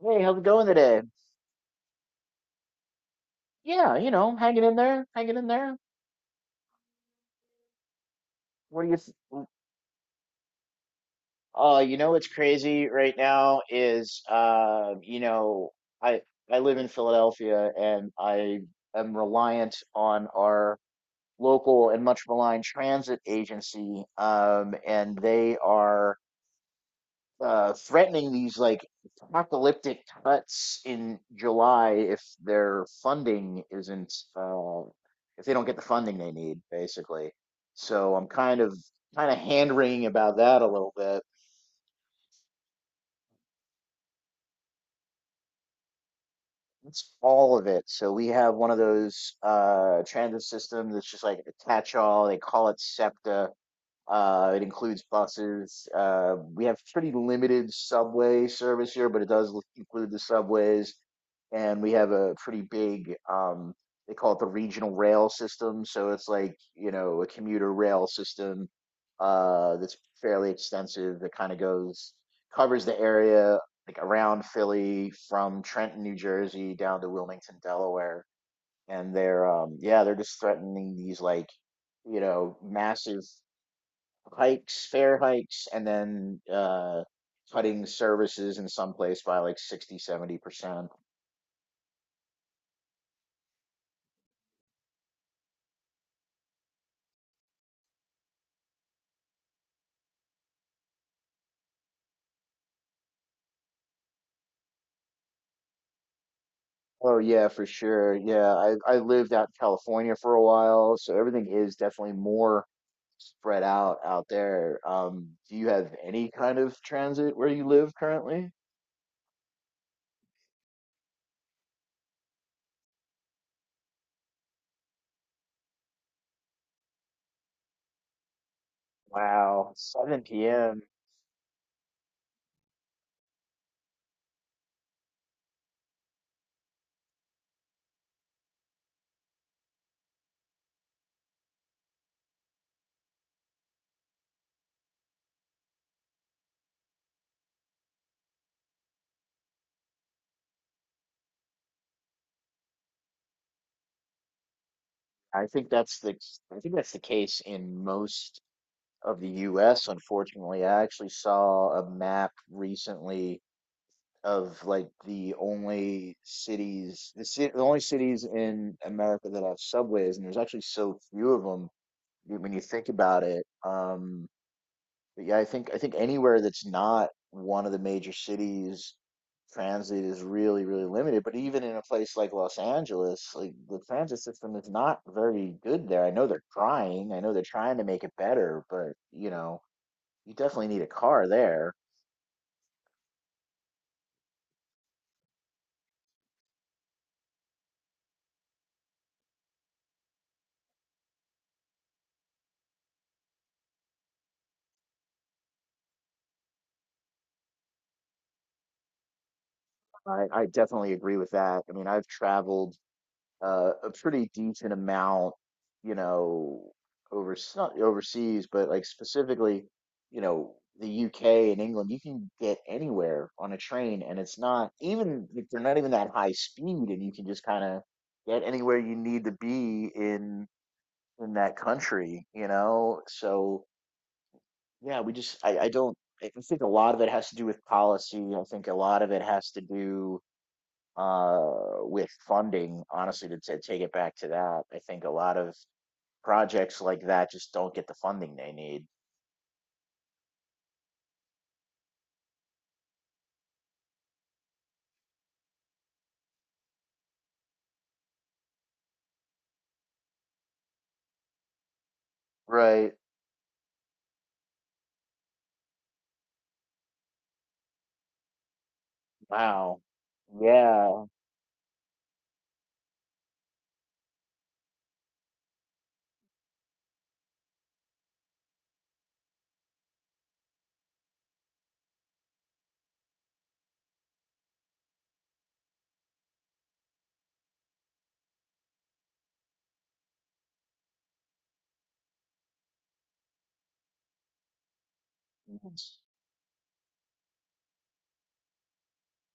Hey, how's it going today? Yeah, you know, hanging in there, hanging in there. What do you th What's crazy right now is I I live in Philadelphia, and I am reliant on our local and much maligned transit agency. And they are threatening these like apocalyptic cuts in July if their funding isn't if they don't get the funding they need, basically. So I'm kind of hand wringing about that a little bit. That's all of it. So we have one of those transit systems that's just like a catch-all. They call it SEPTA. It includes buses. We have pretty limited subway service here, but it does include the subways. And we have a pretty big they call it the regional rail system. So it's like, a commuter rail system that's fairly extensive, that kind of goes covers the area like around Philly from Trenton, New Jersey down to Wilmington, Delaware. And they're, yeah, they're just threatening these like, massive hikes fare hikes, and then cutting services in some place by like 60, 70%. Oh yeah, for sure. Yeah, I lived out in California for a while, so everything is definitely more spread out out there. Do you have any kind of transit where you live currently? Wow, 7 p.m. I think that's the I think that's the case in most of the US, unfortunately. I actually saw a map recently of like the only cities, the only cities in America that have subways, and there's actually so few of them when you think about it. But yeah, I think anywhere that's not one of the major cities, transit is really, really limited. But even in a place like Los Angeles, like the transit system is not very good there. I know they're trying. I know they're trying to make it better, but you know, you definitely need a car there. I definitely agree with that. I mean, I've traveled a pretty decent amount, you know, over not overseas, but like specifically, you know, the UK and England, you can get anywhere on a train, and it's not even if they're not even that high speed, and you can just kind of get anywhere you need to be in that country, you know. So yeah, I don't I think a lot of it has to do with policy. I think a lot of it has to do with funding, honestly, to take it back to that. I think a lot of projects like that just don't get the funding they need. Right. Wow. Yeah. Yes.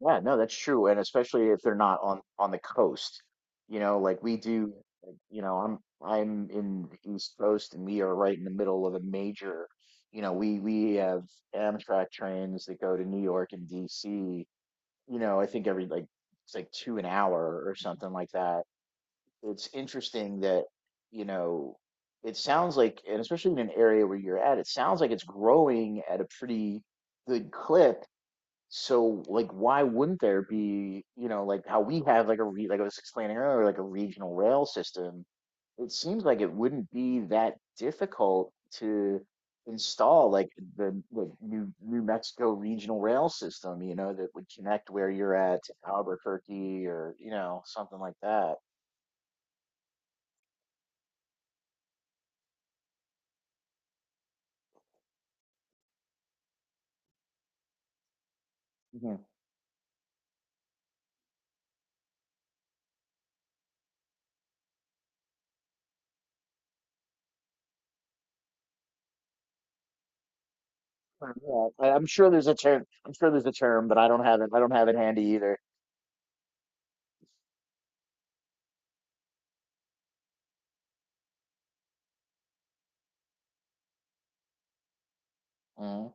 Yeah, no, that's true. And especially if they're not on the coast. You know, like we do, like, you know, I'm in the East Coast, and we are right in the middle of a major, you know, we have Amtrak trains that go to New York and DC. You know, I think every like it's like two an hour or something like that. It's interesting that, you know, it sounds like, and especially in an area where you're at, it sounds like it's growing at a pretty good clip. So like, why wouldn't there be, you know, like how we have like like I was explaining earlier, like a regional rail system? It seems like it wouldn't be that difficult to install like the New Mexico regional rail system, you know, that would connect where you're at to Albuquerque, or you know, something like that. Yeah, I'm sure there's a term. I'm sure there's a term, but I don't have it. I don't have it handy either. Mm,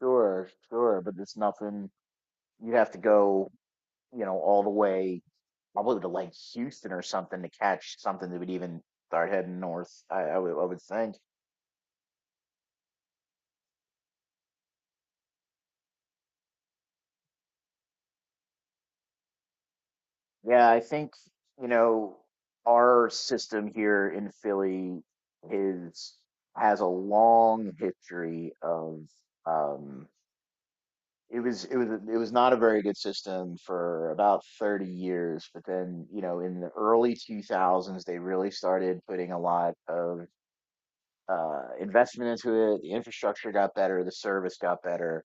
sure, sure, but it's nothing. You have to go, you know, all the way probably to like Houston or something to catch something that would even start heading north. I would think. Yeah, I think, you know, our system here in Philly is has a long history of, um it was not a very good system for about 30 years. But then, you know, in the early 2000s, they really started putting a lot of investment into it. The infrastructure got better, the service got better.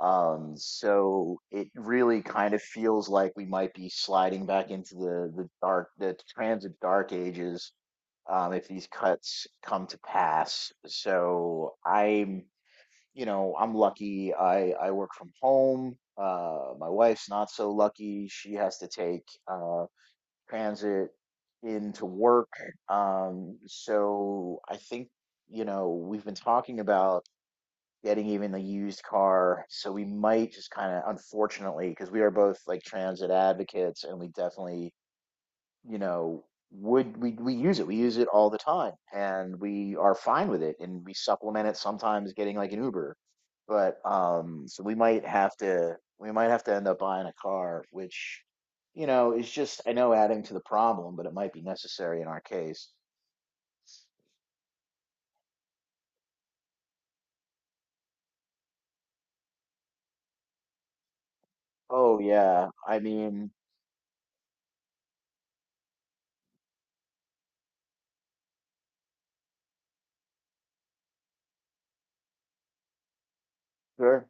So it really kind of feels like we might be sliding back into the transit dark ages, if these cuts come to pass. So I'm, you know, I'm lucky. I work from home. My wife's not so lucky. She has to take transit into work. So I think, you know, we've been talking about getting even a used car. So we might just kind of, unfortunately, because we are both like transit advocates, and we definitely, you know, would we use it? We use it all the time, and we are fine with it, and we supplement it sometimes getting like an Uber. But so we might have to end up buying a car, which you know is just I know adding to the problem, but it might be necessary in our case. Oh yeah, I mean, sure.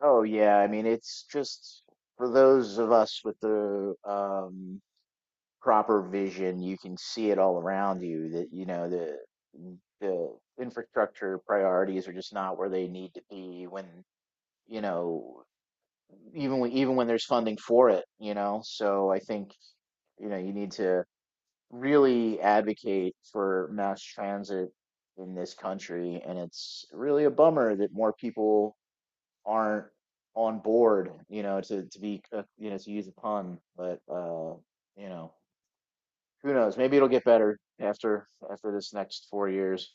Oh yeah, I mean, it's just for those of us with the proper vision, you can see it all around you that, you know, the the infrastructure priorities are just not where they need to be when, you know, even when there's funding for it, you know. So I think, you know, you need to really advocate for mass transit in this country, and it's really a bummer that more people aren't on board, you know, to be, you know, to use a pun, but you know, who knows? Maybe it'll get better after this next four years.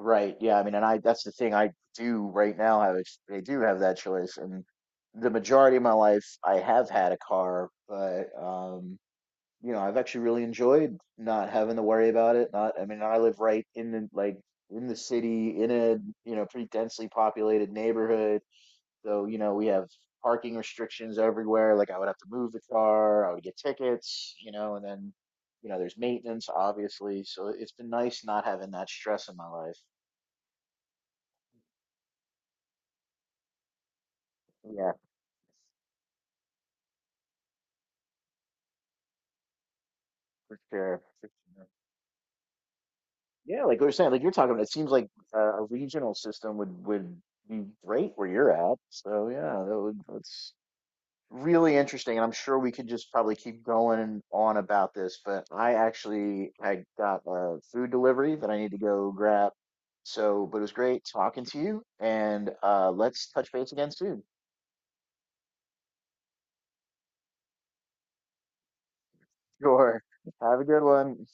Right. Yeah. I mean, and I that's the thing. I do have that choice, and the majority of my life I have had a car. But you know, I've actually really enjoyed not having to worry about it. Not, I mean, I live right in the like in the city in a, you know, pretty densely populated neighborhood. So, you know, we have parking restrictions everywhere. Like I would have to move the car, I would get tickets, you know, and then, you know, there's maintenance, obviously. So it's been nice not having that stress in my life. Yeah, for sure. For sure. Yeah, like we were saying, like you're talking about, it seems like, a regional system would be great where you're at. So yeah, that's really interesting, and I'm sure we could just probably keep going on about this, but I actually had got a food delivery that I need to go grab. So, but it was great talking to you, and let's touch base again soon. Sure. Have a good one.